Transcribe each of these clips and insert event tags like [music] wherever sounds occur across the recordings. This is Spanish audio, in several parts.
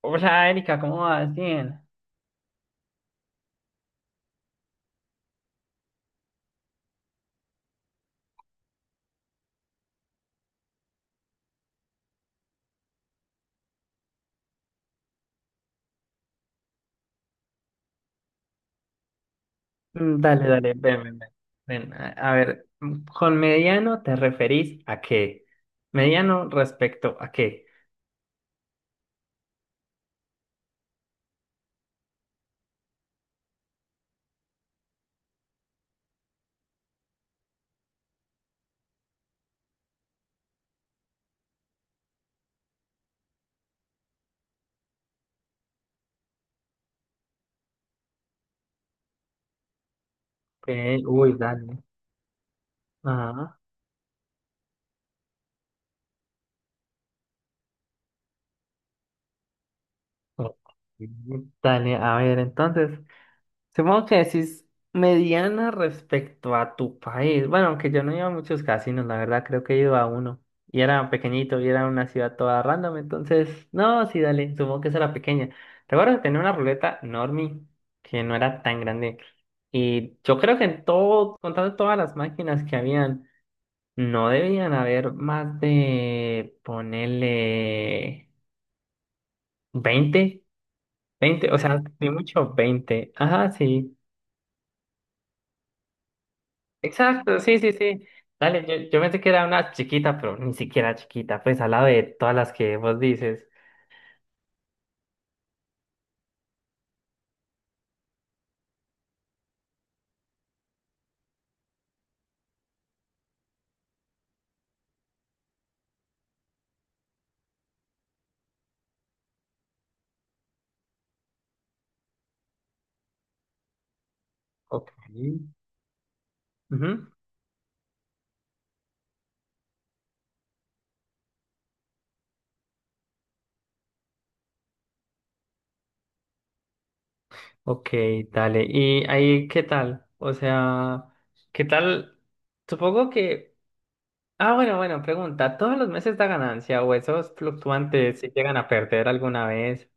Hola Erika, ¿cómo vas? Bien. Mm. Dale, dale, ven, ven, ven. Ven, a ver, ¿con mediano te referís a qué? ¿Mediano respecto a qué? Ok. Uy, dale. Ajá. Ok. Dale, a ver, entonces. Supongo que decís mediana respecto a tu país. Bueno, aunque yo no iba a muchos casinos, la verdad, creo que he ido a uno. Y era pequeñito, y era una ciudad toda random, entonces, no, sí, dale, supongo que esa era pequeña. Recuerdo que tenía una ruleta normie, que no era tan grande. Y yo creo que en todo, contando todas las máquinas que habían, no debían haber más de, ponerle 20, 20, o sea, ni mucho 20. Ajá, sí. Exacto, sí, sí, sí. Dale, yo pensé que era una chiquita, pero ni siquiera chiquita, pues al lado de todas las que vos dices. Ok. Ujú. Ok, dale. ¿Y ahí qué tal? O sea, ¿qué tal? Supongo que... Ah, bueno, bueno, pregunta. ¿Todos los meses da ganancia o esos fluctuantes si llegan a perder alguna vez?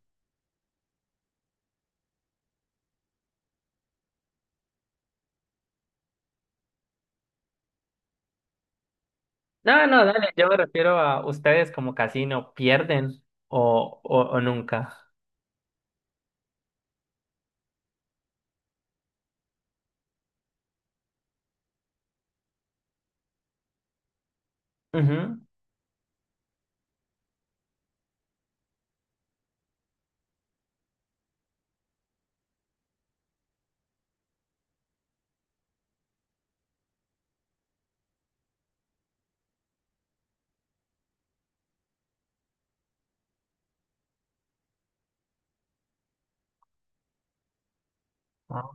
No, no, dale, yo me refiero a ustedes como casino, ¿pierden o nunca? Ujú. Ah,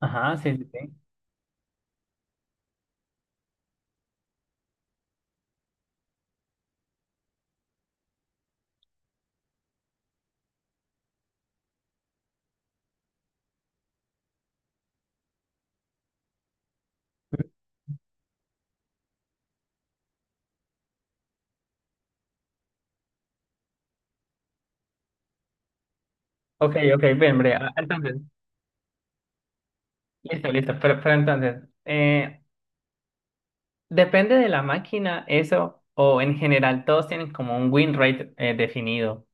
ajá, sí, sí, sí. Ok, ok, bien, hombre. Entonces, listo, listo. Pero entonces, depende de la máquina eso, o en general todos tienen como un win rate definido.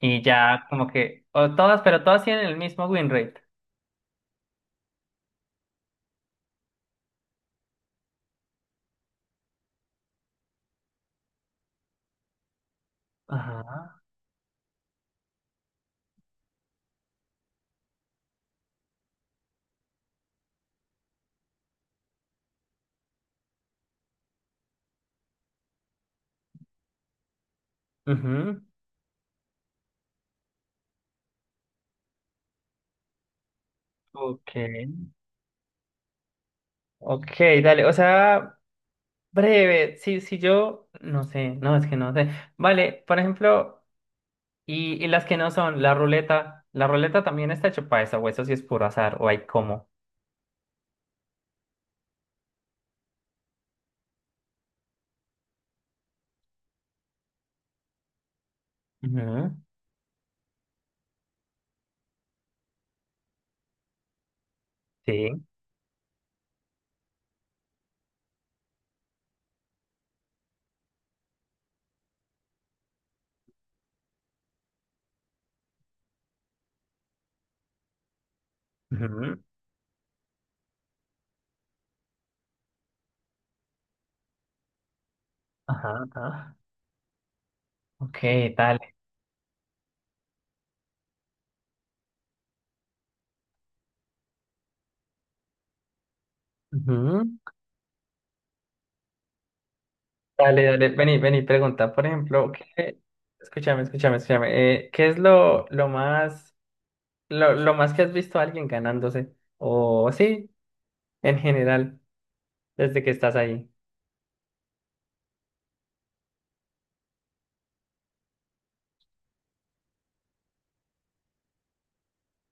Y ya como que, o todas, pero todas tienen el mismo win rate. Ajá. Ujú. Ok. Ok, dale. O sea, breve. Si yo, no sé, no, es que no sé. Vale, por ejemplo, y las que no son, la ruleta también está hecha para eso, o eso sí es puro azar, o hay como. Ujú. Sí. Ujú, ajá, ajá. Ok, dale. Ujú. Dale, dale. Vení, vení, pregunta. Por ejemplo, ¿qué... Escúchame, escúchame, escúchame. ¿Qué es lo más que has visto a alguien ganándose? O sí, en general, desde que estás ahí.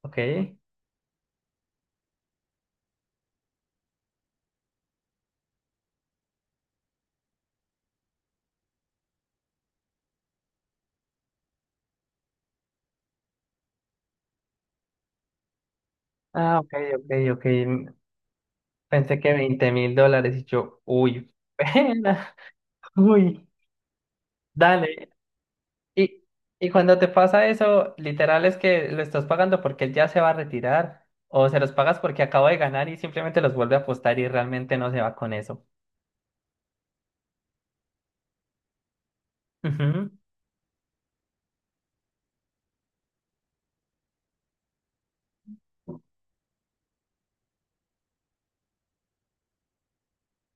Ok. Ah, ok, ok, ok. Pensé que $20.000 y yo, uy, pena. [laughs] Uy, dale. Y, y cuando te pasa eso, literal es que lo estás pagando porque él ya se va a retirar, o se los pagas porque acabo de ganar y simplemente los vuelve a apostar y realmente no se va con eso. Ujú.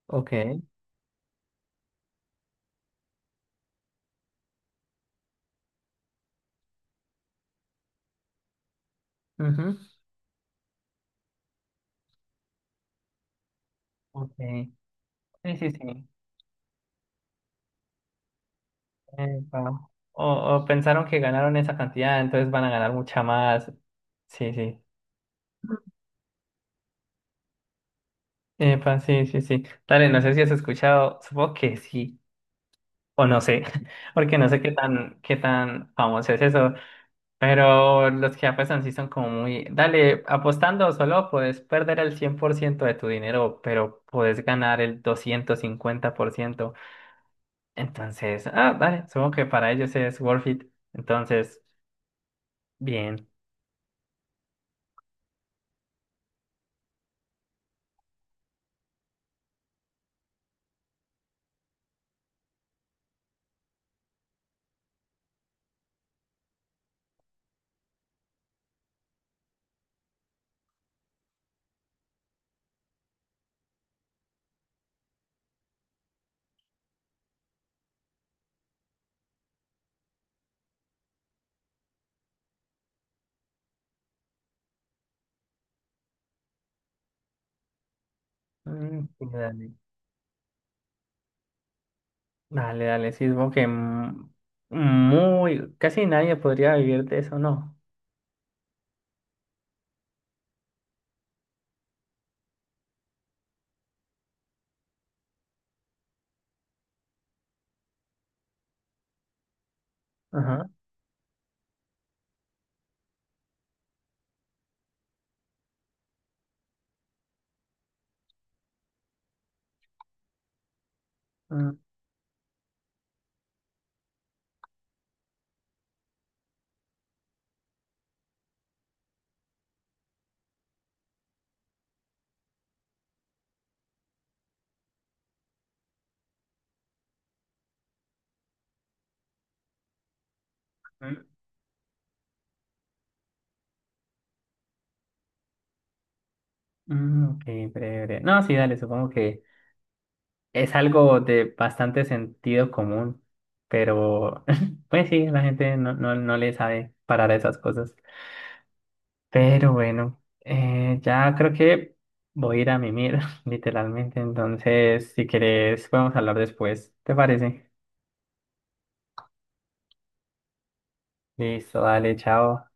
Ok. Ujú, ok. Sí, sí, sí. Epa. O pensaron que ganaron esa cantidad, entonces van a ganar mucha más. Sí, sí. Epa, sí, sí, sí. Dale, no sé si has escuchado, supongo que sí, o no sé, [laughs] porque no sé qué tan famoso es eso. Pero los que apuestan sí son como muy... Dale, apostando solo puedes perder el 100% de tu dinero, pero puedes ganar el 250%. Entonces, dale, supongo que para ellos es worth it. Entonces, bien. Sí, dale, dale, dale, sí, supongo que muy... Casi nadie podría vivir de eso, ¿no? Ajá. Mm, mm, mm, ok, breve, breve. No, sí, dale, supongo que... Es algo de bastante sentido común, pero [laughs] pues sí, la gente no, no, no le sabe parar a esas cosas. Pero bueno, ya creo que voy a ir a mimir, [laughs] literalmente. Entonces, si quieres, podemos hablar después. ¿Te parece? Listo, dale, chao.